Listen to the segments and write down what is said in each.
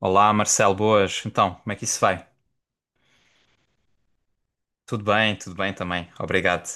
Olá, Marcelo, boas. Então, como é que isso vai? Tudo bem também. Obrigado.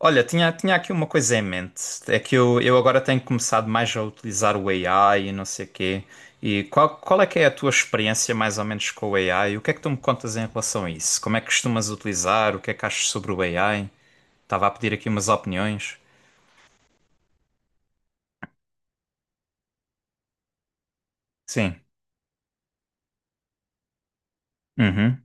Olha, tinha aqui uma coisa em mente. É que eu agora tenho começado mais a utilizar o AI e não sei o quê. E qual é que é a tua experiência mais ou menos com o AI? O que é que tu me contas em relação a isso? Como é que costumas utilizar? O que é que achas sobre o AI? Estava a pedir aqui umas opiniões. Sim. Uhum.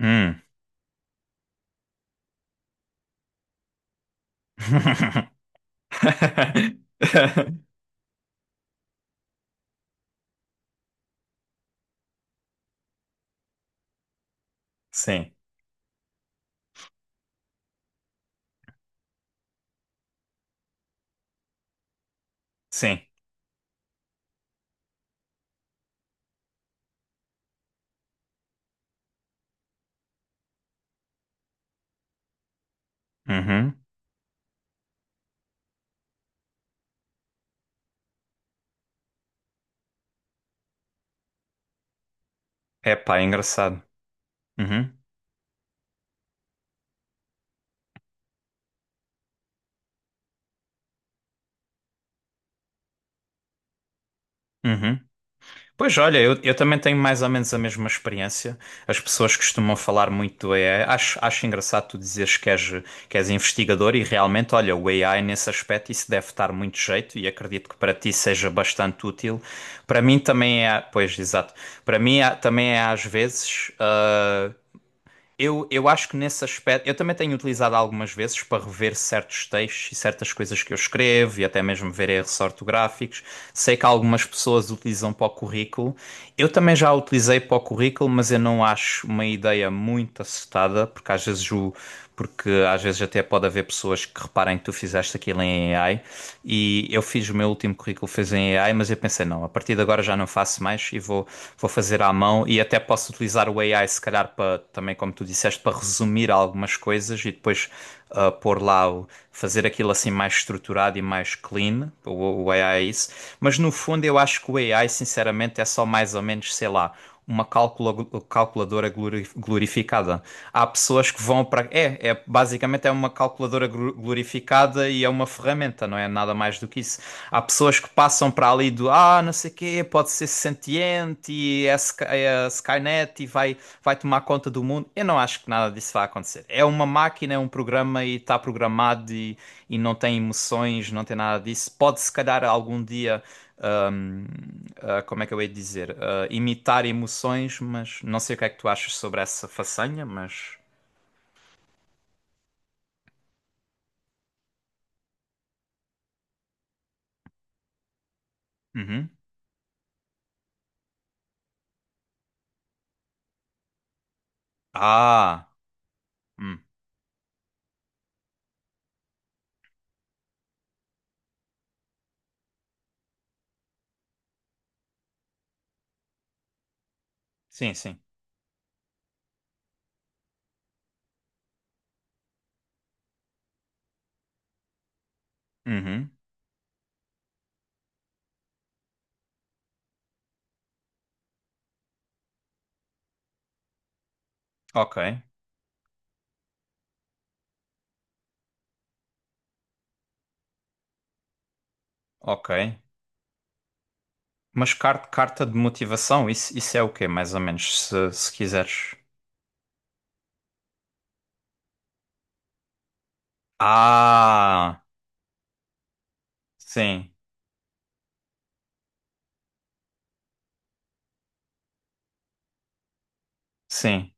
Hum. Sim, sim. Uhum. Epá, é engraçado. Uhum. Uhum. Pois olha, eu também tenho mais ou menos a mesma experiência. As pessoas costumam falar muito do AI. Acho engraçado tu dizeres que és investigador e realmente, olha, o AI nesse aspecto isso deve estar muito jeito e acredito que para ti seja bastante útil. Para mim também é, pois exato, para mim é- também é às vezes. Eu acho que nesse aspecto, eu também tenho utilizado algumas vezes para rever certos textos e certas coisas que eu escrevo e até mesmo ver erros ortográficos. Sei que algumas pessoas utilizam para o currículo. Eu também já utilizei para o currículo, mas eu não acho uma ideia muito acertada, porque às vezes o, porque às vezes até pode haver pessoas que reparem que tu fizeste aquilo em AI. E eu fiz o meu último currículo, fez em AI, mas eu pensei, não, a partir de agora já não faço mais e vou, vou fazer à mão. E até posso utilizar o AI, se calhar, para também, como tu disseste, para resumir algumas coisas e depois pôr lá, o- fazer aquilo assim mais estruturado e mais clean. O AI é isso. Mas no fundo, eu acho que o AI, sinceramente, é só mais ou menos, sei lá. Uma calculadora glorificada há pessoas que vão para. É, é basicamente é uma calculadora gru- glorificada e é uma ferramenta, não é nada mais do que isso. Há pessoas que passam para ali do ah, não sei o quê, pode ser sentiente e é, Sky- é a Skynet e vai, vai tomar conta do mundo. Eu não acho que nada disso vai acontecer. É uma máquina, é um programa e está programado e não tem emoções, não tem nada disso. Pode se calhar algum dia hum, ah, como é que eu hei de dizer? Ah, imitar emoções, mas não sei o que é que tu achas sobre essa façanha, mas. Uhum. Ah! hum, Sim, sim. Uhum. Ok, ok. Mas car- carta de motivação, isso é o quê, mais ou menos, se quiseres? Ah! Sim, sim.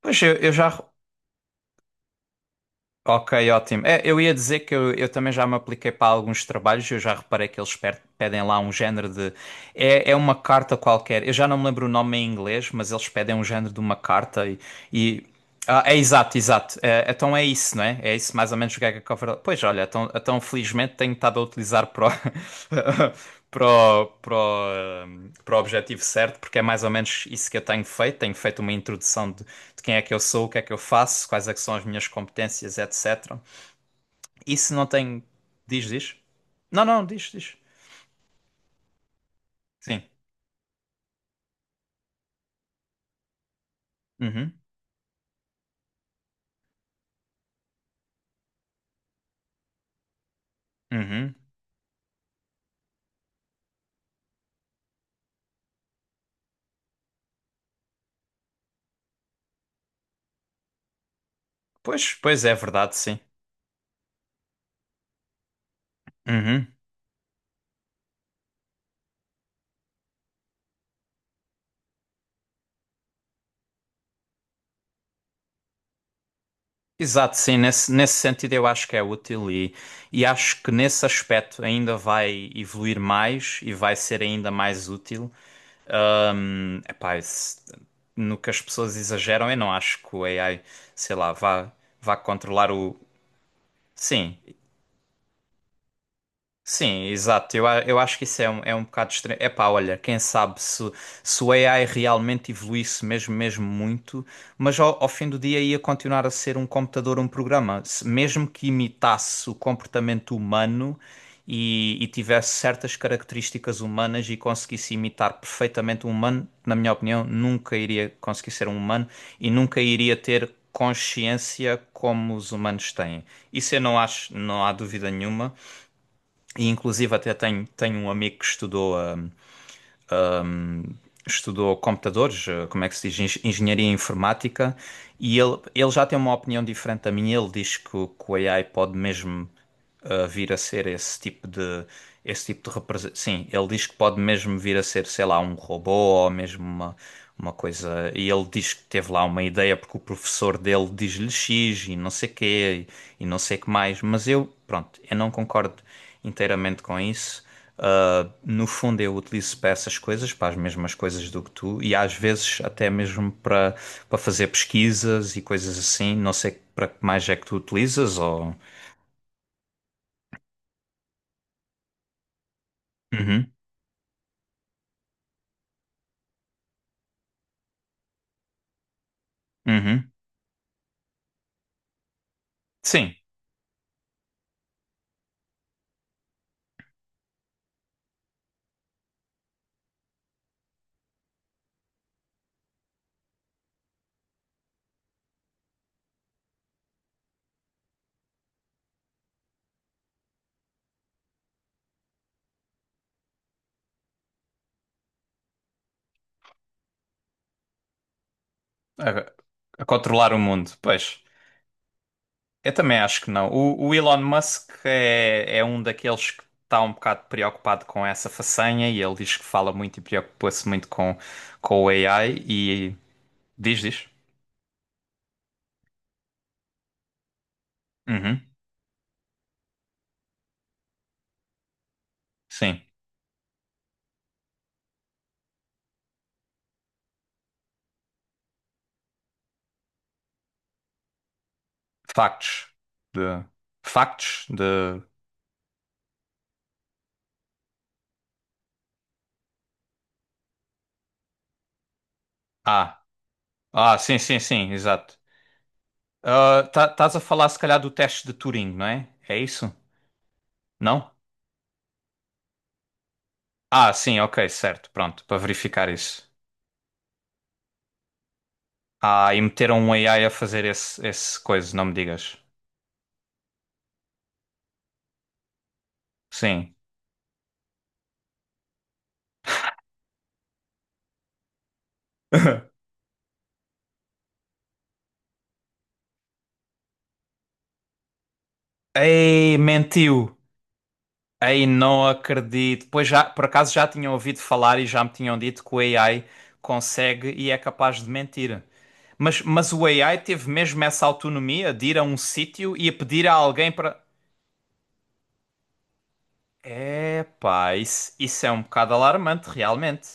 Pois eu já. Ok, ótimo. É, eu ia dizer que eu também já me apliquei para alguns trabalhos, eu já reparei que eles per- pedem lá um género de. É, é uma carta qualquer, eu já não me lembro o nome em inglês, mas eles pedem um género de uma carta e ah, é exato, exato. É, então é isso, não é? É isso mais ou menos o que é que a Cover. Pois olha, então, então felizmente tenho estado a utilizar para o, para o, para o, para o objetivo certo, porque é mais ou menos isso que eu tenho feito. Tenho feito uma introdução de quem é que eu sou, o que é que eu faço, quais é que são as minhas competências, etc. Isso não tem. Diz, diz? Não, não, diz, diz. Sim. Uhum, uhum. Pois, pois é verdade, sim. Uhum. Exato, sim, nesse, nesse sentido eu acho que é útil e acho que nesse aspecto ainda vai evoluir mais e vai ser ainda mais útil. Epá, esse- no que as pessoas exageram, eu não acho que o AI, sei lá, vá, vá controlar o. Sim, Sim, exato. Eu, a- eu acho que isso é um bocado estranho. Epá, olha, quem sabe se, se o AI realmente evoluísse mesmo, mesmo muito, mas ao, ao fim do dia ia continuar a ser um computador, um programa. Se- mesmo que imitasse o comportamento humano e tivesse certas características humanas e conseguisse imitar perfeitamente um humano, na minha opinião, nunca iria conseguir ser um humano e nunca iria ter consciência como os humanos têm. Isso eu não acho, não há dúvida nenhuma. E inclusive até tenho, tenho um amigo que estudou, estudou computadores, eh, como é que se diz, Eng- engenharia informática, e ele já tem uma opinião diferente da minha. Ele diz que o AI pode mesmo eh, vir a ser esse tipo de representação. Sim, ele diz que pode mesmo vir a ser, sei lá, um robô ou mesmo uma coisa. E ele diz que teve lá uma ideia porque o professor dele diz-lhe X e não sei quê e não sei que mais. Mas eu, pronto, eu não concordo inteiramente com isso. No fundo, eu utilizo para essas coisas, para as mesmas coisas do que tu, e às vezes até mesmo para, para fazer pesquisas e coisas assim. Não sei para que mais é que tu utilizas, ou. Uhum, uhum. Sim, a, a controlar o mundo, pois. Eu também acho que não. O Elon Musk é, é um daqueles que está um bocado preocupado com essa façanha e ele diz que fala muito e preocupa-se muito com o AI e diz, diz. Uhum, sim. Factos. De... Factos de. Ah. Ah, sim, sim, sim, exato. Ah, tá, estás a falar se calhar do teste de Turing, não é? É isso? Não? Ah, sim, ok, certo, pronto, para verificar isso. Ah, e meteram um AI a fazer esse, esse coisa, não me digas. Sim. Ei, mentiu! Ei, não acredito. Pois já, por acaso já tinham ouvido falar e já me tinham dito que o AI consegue e é capaz de mentir. Mas o AI teve mesmo essa autonomia de ir a um sítio e a pedir a alguém para. Epá, isso é um bocado alarmante, realmente.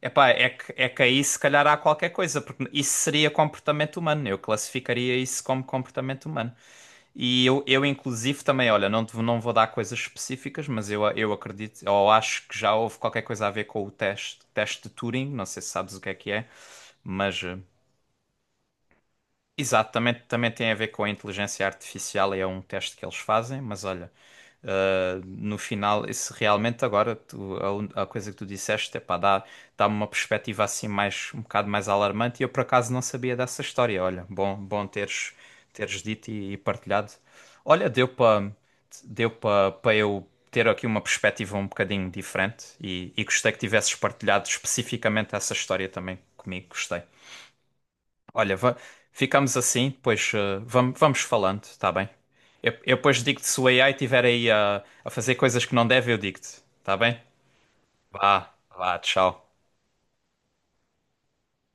Epá, é que aí se calhar há qualquer coisa, porque isso seria comportamento humano. Eu classificaria isso como comportamento humano. E eu inclusive também, olha, não, te- não vou dar coisas específicas, mas eu acredito, ou acho que já houve qualquer coisa a ver com o teste, teste de Turing, não sei se sabes o que é, mas eh, Exato, também, também tem a ver com a inteligência artificial e é um teste que eles fazem, mas olha, no final, isso realmente agora tu- a, un- a coisa que tu disseste, é pá, dá, dá-me uma perspectiva assim mais, um bocado mais alarmante e eu por acaso não sabia dessa história, olha, bom, bom teres, teres dito e partilhado. Olha, deu para deu para para eu ter aqui uma perspectiva um bocadinho diferente e gostei que tivesses partilhado especificamente essa história também comigo, gostei. Olha, va- ficamos assim, depois vamos, vamos falando, tá bem? Eu depois digo-te se o AI estiver aí a fazer coisas que não deve, eu digo-te, tá bem? Vá, vá, tchau.